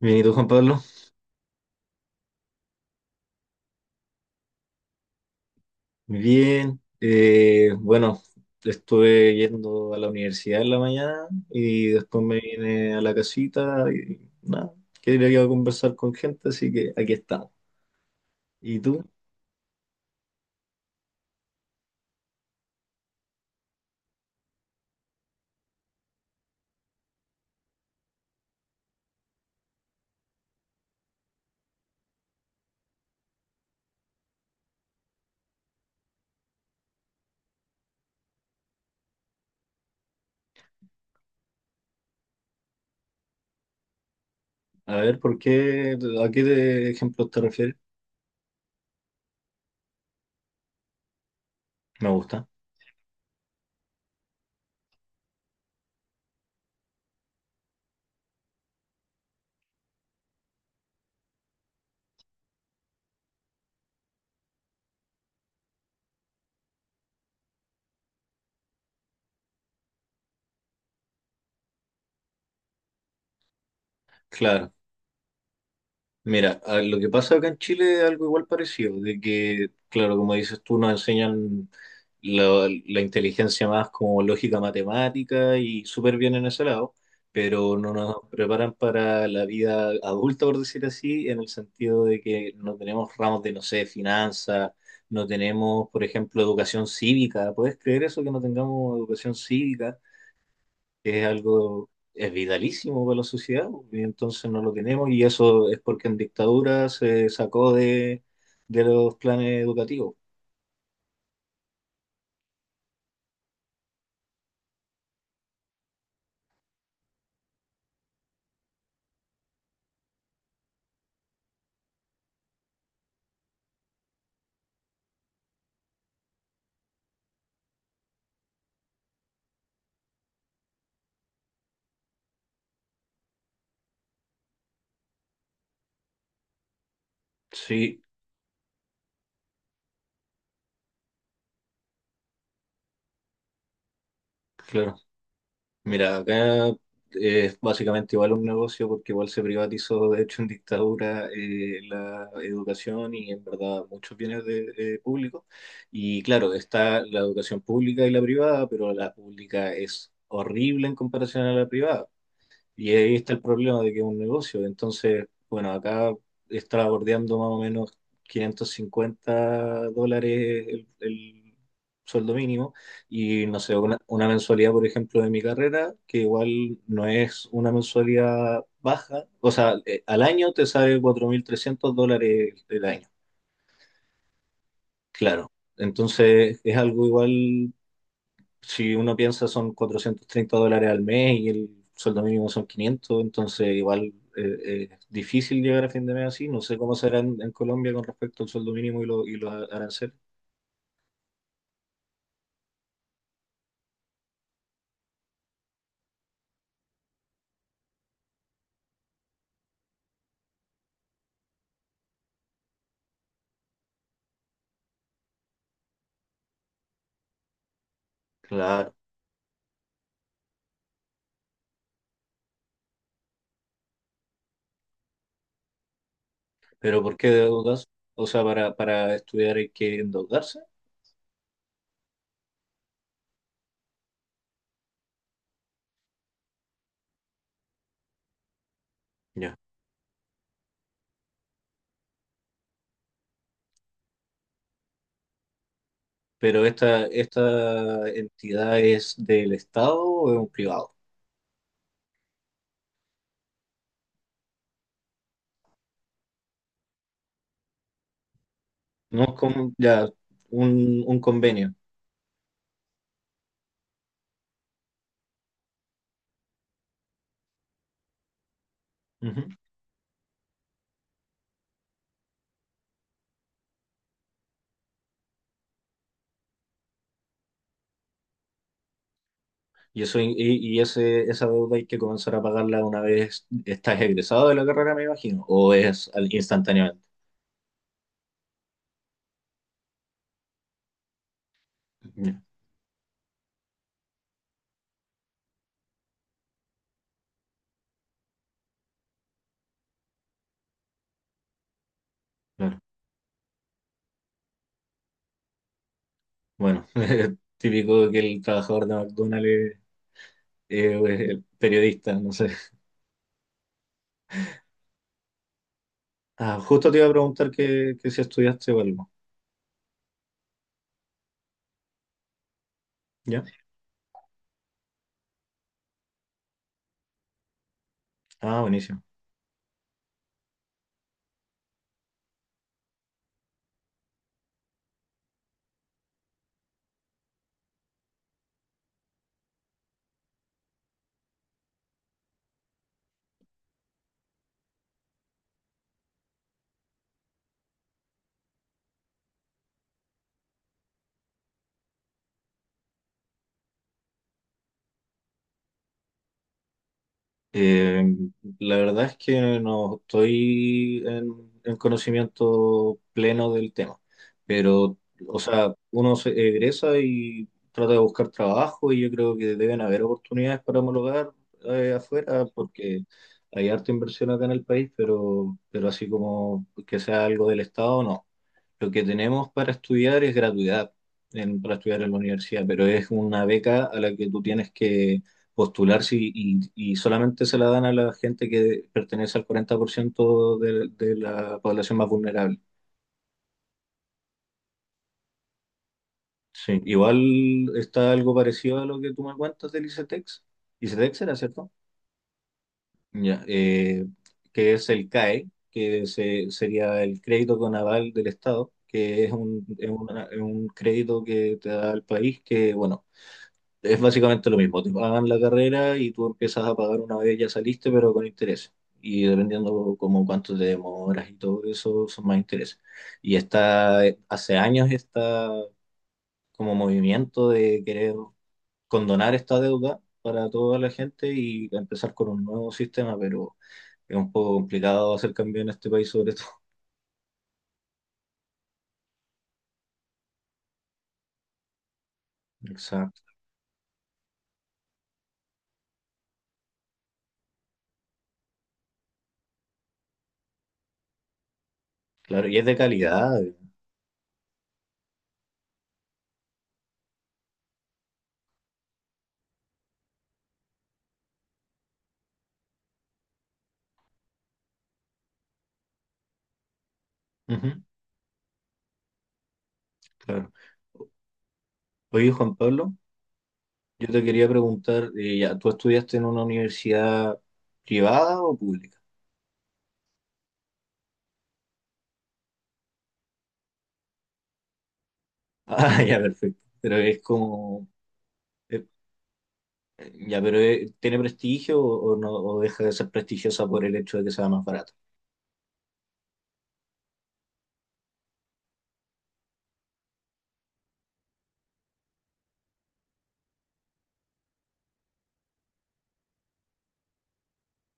Bien, ¿y tú, Juan Pablo? Bien. Bueno, estuve yendo a la universidad en la mañana y después me vine a la casita y nada, quería conversar con gente, así que aquí estamos. ¿Y tú? A ver, ¿por qué? ¿A qué ejemplos te refieres? Me gusta. Claro. Mira, lo que pasa acá en Chile es algo igual parecido, de que, claro, como dices tú, nos enseñan la inteligencia más como lógica matemática y súper bien en ese lado, pero no nos preparan para la vida adulta, por decir así, en el sentido de que no tenemos ramos de, no sé, finanzas, no tenemos, por ejemplo, educación cívica. ¿Puedes creer eso que no tengamos educación cívica? Que es algo, es vitalísimo para la sociedad, y entonces no lo tenemos, y eso es porque en dictadura se sacó de los planes educativos. Sí, claro. Mira, acá es básicamente igual un negocio porque igual se privatizó, de hecho, en dictadura la educación y en verdad muchos bienes de, públicos. Y claro, está la educación pública y la privada, pero la pública es horrible en comparación a la privada. Y ahí está el problema de que es un negocio. Entonces, bueno, acá está bordeando más o menos $550 el sueldo mínimo y no sé, una mensualidad, por ejemplo, de mi carrera, que igual no es una mensualidad baja. O sea, al año te sale $4,300 el año, claro. Entonces, es algo igual si uno piensa son $430 al mes y el sueldo mínimo son 500, entonces igual es difícil llegar a fin de mes así. No sé cómo será en Colombia con respecto al sueldo mínimo y, y los aranceles. Claro, pero ¿por qué deudas? O sea, para estudiar hay que endeudarse. Ya. Pero esta entidad ¿es del Estado o es un privado? No es como ya un convenio. Ujú. Y, eso, y esa deuda hay que comenzar a pagarla una vez estás egresado de la carrera, me imagino, o es instantáneamente. Ya, claro. Bueno, típico que el trabajador de McDonald's es el periodista, no sé. Ah, justo te iba a preguntar que si estudiaste o algo. ¿Ya? Ah, buenísimo. Eh, la verdad es que no estoy en conocimiento pleno del tema, pero, o sea, uno se egresa y trata de buscar trabajo y yo creo que deben haber oportunidades para homologar afuera porque hay harta inversión acá en el país, pero así como que sea algo del Estado, no. Lo que tenemos para estudiar es gratuidad para estudiar en la universidad, pero es una beca a la que tú tienes que postularse y, y solamente se la dan a la gente que pertenece al 40% de la población más vulnerable. Sí, igual está algo parecido a lo que tú me cuentas del ICETEX. ICETEX era, ¿cierto? Ya, que es el CAE, que sería el crédito con aval del Estado, que es un, es un crédito que te da el país que, bueno, es básicamente lo mismo, te pagan la carrera y tú empiezas a pagar una vez ya saliste, pero con interés. Y dependiendo como cuánto te demoras y todo eso, son más intereses. Y está, hace años está como movimiento de querer condonar esta deuda para toda la gente y empezar con un nuevo sistema, pero es un poco complicado hacer cambio en este país sobre todo. Exacto, claro, y es de calidad. Ujú, claro. Oye, Juan Pablo. Yo te quería preguntar, ya, ¿tú estudiaste en una universidad privada o pública? Ah, ya, perfecto. Pero es como, eh, ya, pero ¿tiene prestigio o no, o deja de ser prestigiosa por el hecho de que sea más barata?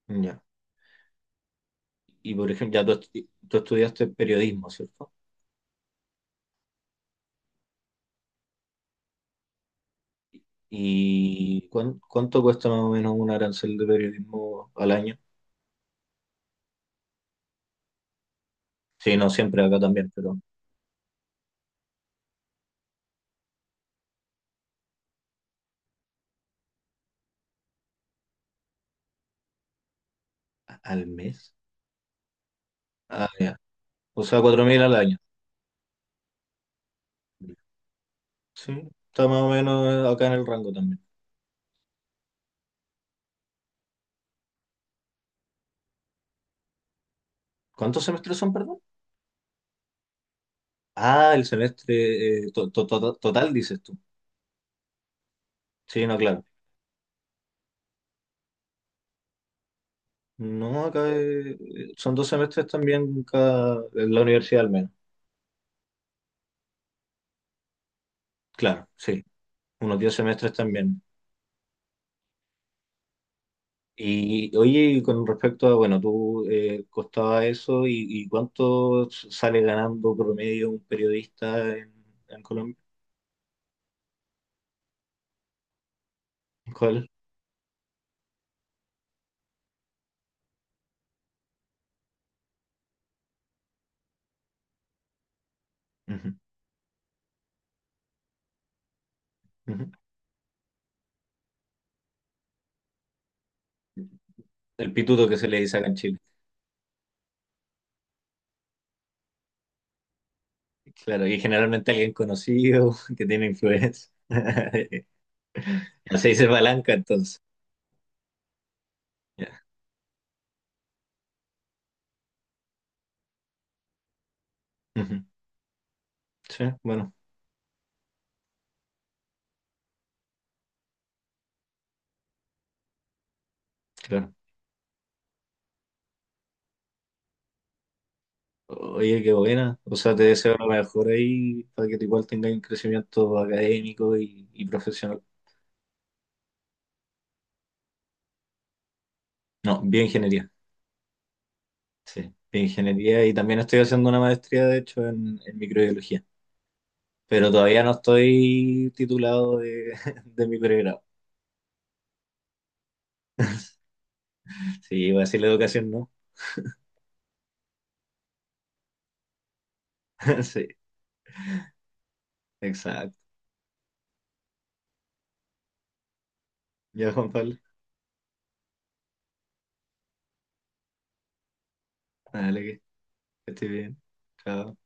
Ya. Y por ejemplo, ya tú, tú estudiaste periodismo, ¿cierto? ¿Y cuánto cuesta más o menos un arancel de periodismo al año? Sí, no siempre acá también, pero al mes? Ah, ya. O sea, 4.000 al año. Sí, está más o menos acá en el rango también. ¿Cuántos semestres son, perdón? Ah, el semestre total, dices tú. Sí, no, claro. No, acá son dos semestres también cada, en la universidad al menos. Claro, sí, unos 10 semestres también. Y oye, y con respecto a, bueno, tú costaba eso y ¿cuánto sale ganando promedio un periodista en Colombia? ¿Cuál? Ujú, ujú. El pituto que se le dice acá en Chile. Claro, y generalmente alguien conocido que tiene influencia. Ya se dice palanca entonces. Ya. Ujú. Sí, bueno, claro. Oye, qué buena. O sea, te deseo lo mejor ahí para que tú igual tengas un crecimiento académico y profesional. No, bioingeniería. Sí, bioingeniería. Y también estoy haciendo una maestría, de hecho, en microbiología. Pero todavía no estoy titulado de, de mi pregrado. Sí, voy a decir la educación, ¿no? Sí, exacto. Ya, Juan Pablo. Dale, que estés bien. Chao.